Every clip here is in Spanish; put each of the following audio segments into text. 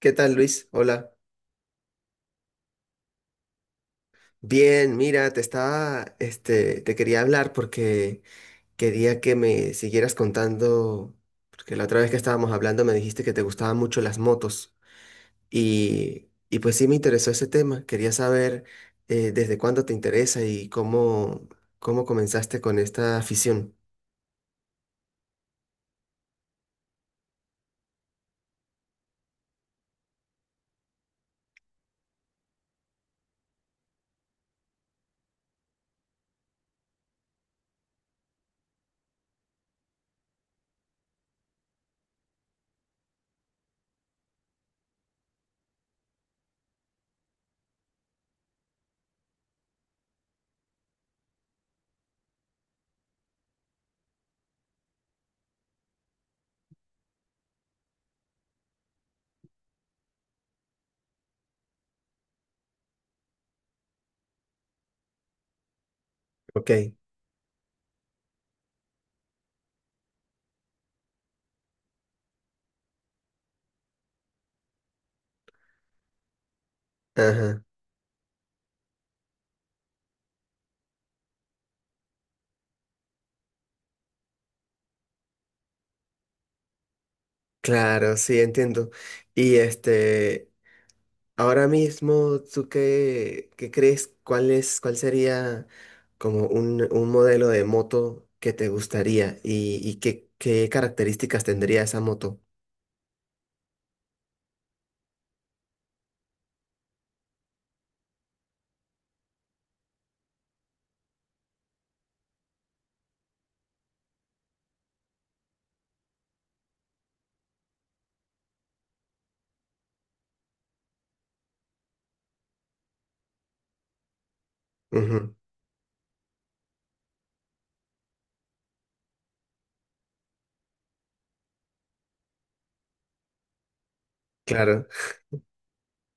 ¿Qué tal, Luis? Hola. Bien, mira, te estaba, te quería hablar porque quería que me siguieras contando, porque la otra vez que estábamos hablando me dijiste que te gustaban mucho las motos y pues sí me interesó ese tema. Quería saber desde cuándo te interesa y cómo comenzaste con esta afición. Ok. Ajá. Claro, sí, entiendo. Y este, Ahora mismo, ¿tú qué, qué crees? ¿Cuál es, cuál sería como un modelo de moto que te gustaría y, qué características tendría esa moto? Ujú, claro,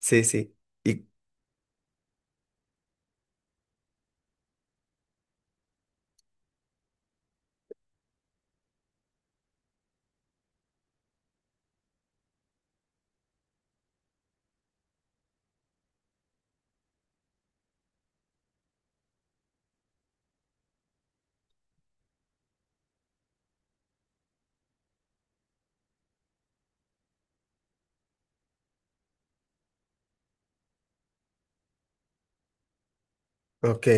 sí, sí. Y, ok,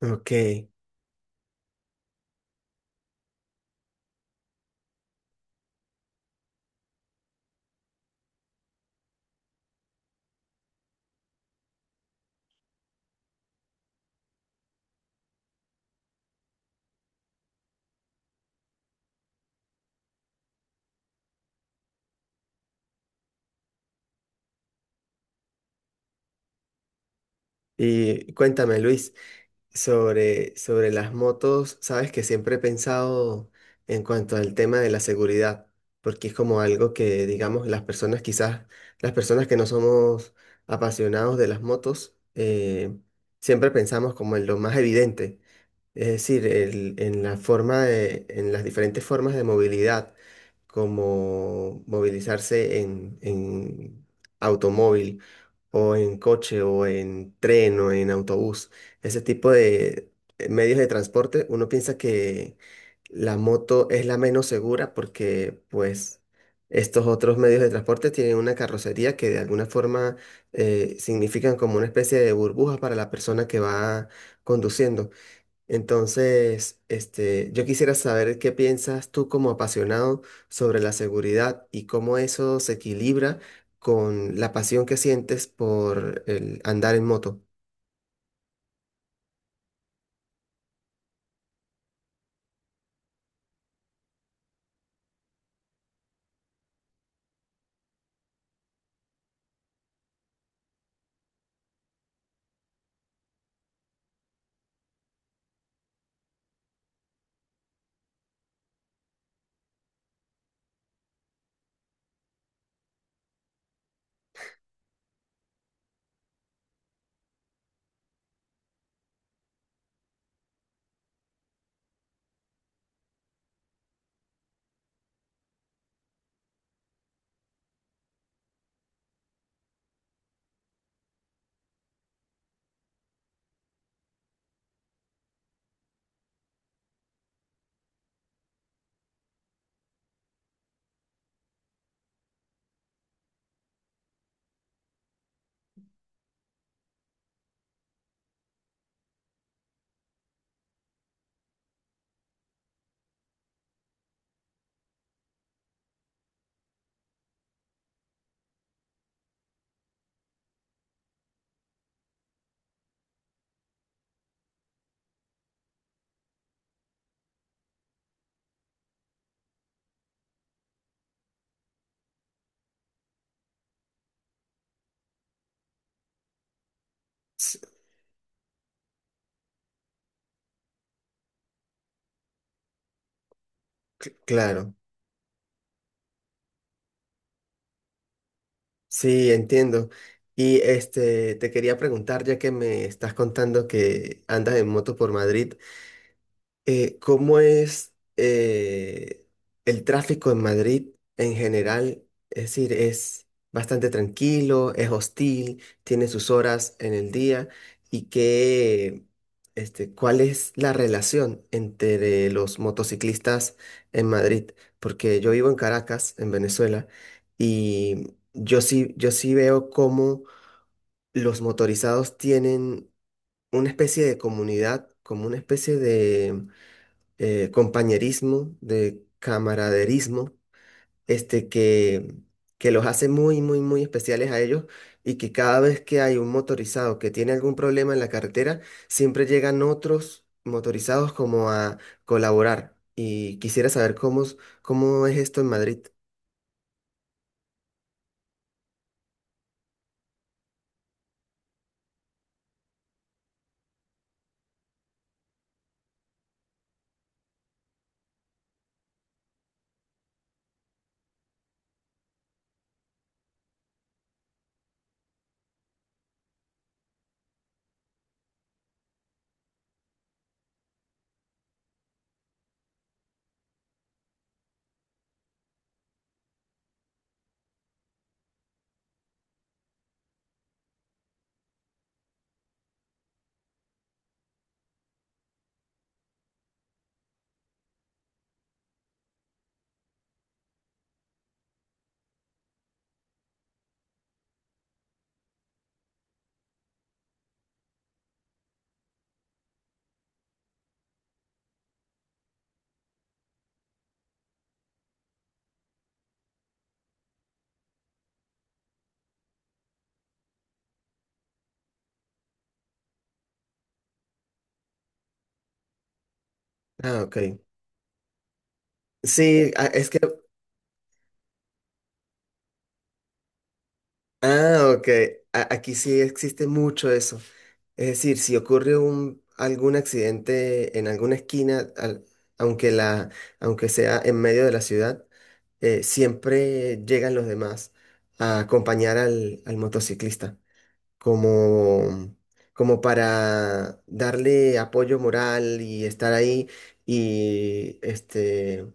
ok. Y cuéntame, Luis. Sobre las motos, sabes que siempre he pensado en cuanto al tema de la seguridad, porque es como algo que, digamos, las personas que no somos apasionados de las motos, siempre pensamos como en lo más evidente, es decir, en la forma de, en las diferentes formas de movilidad, como movilizarse en automóvil o en coche o en tren o en autobús, ese tipo de medios de transporte, uno piensa que la moto es la menos segura porque pues estos otros medios de transporte tienen una carrocería que de alguna forma significan como una especie de burbuja para la persona que va conduciendo. Entonces, yo quisiera saber qué piensas tú como apasionado sobre la seguridad y cómo eso se equilibra con la pasión que sientes por el andar en moto. S- Claro, sí, entiendo. Te quería preguntar, ya que me estás contando que andas en moto por Madrid, ¿cómo es el tráfico en Madrid en general? Es decir, es bastante tranquilo, es hostil, tiene sus horas en el día y qué, ¿cuál es la relación entre los motociclistas en Madrid? Porque yo vivo en Caracas, en Venezuela, y yo sí, yo sí veo cómo los motorizados tienen una especie de comunidad, como una especie de compañerismo, de camaraderismo, este que, que los hace muy, muy, muy especiales a ellos y que cada vez que hay un motorizado que tiene algún problema en la carretera, siempre llegan otros motorizados como a colaborar. Y quisiera saber cómo es esto en Madrid. Ah, ok. Sí, a- es que Ah, ok. A- aquí sí existe mucho eso. Es decir, si ocurre algún accidente en alguna esquina, aunque aunque sea en medio de la ciudad, siempre llegan los demás a acompañar al motociclista, como, como para darle apoyo moral y estar ahí y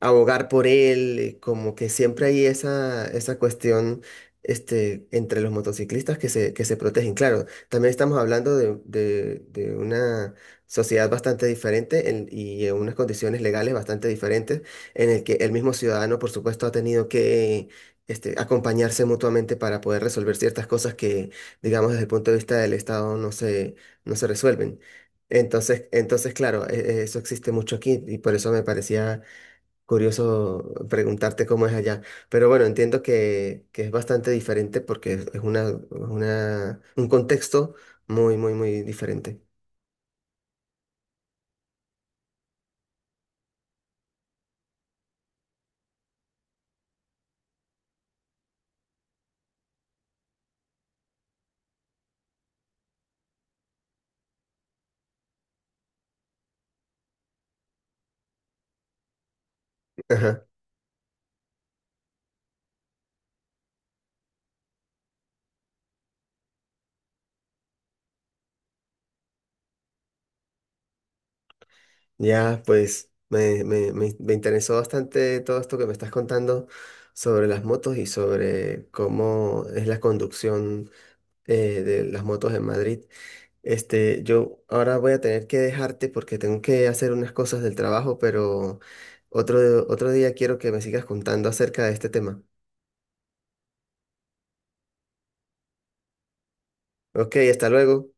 abogar por él, como que siempre hay esa cuestión entre los motociclistas que se protegen. Claro, también estamos hablando de, de una sociedad bastante diferente y en unas condiciones legales bastante diferentes, en el que el mismo ciudadano, por supuesto, ha tenido que... acompañarse mutuamente para poder resolver ciertas cosas que, digamos, desde el punto de vista del Estado no se resuelven. Entonces, claro, eso existe mucho aquí y por eso me parecía curioso preguntarte cómo es allá. Pero bueno, entiendo que es bastante diferente porque es una, un contexto muy, muy, muy diferente. Ajá. Ya, pues me interesó bastante todo esto que me estás contando sobre las motos y sobre cómo es la conducción de las motos en Madrid. Yo ahora voy a tener que dejarte porque tengo que hacer unas cosas del trabajo, pero otro día quiero que me sigas contando acerca de este tema. Ok, hasta luego.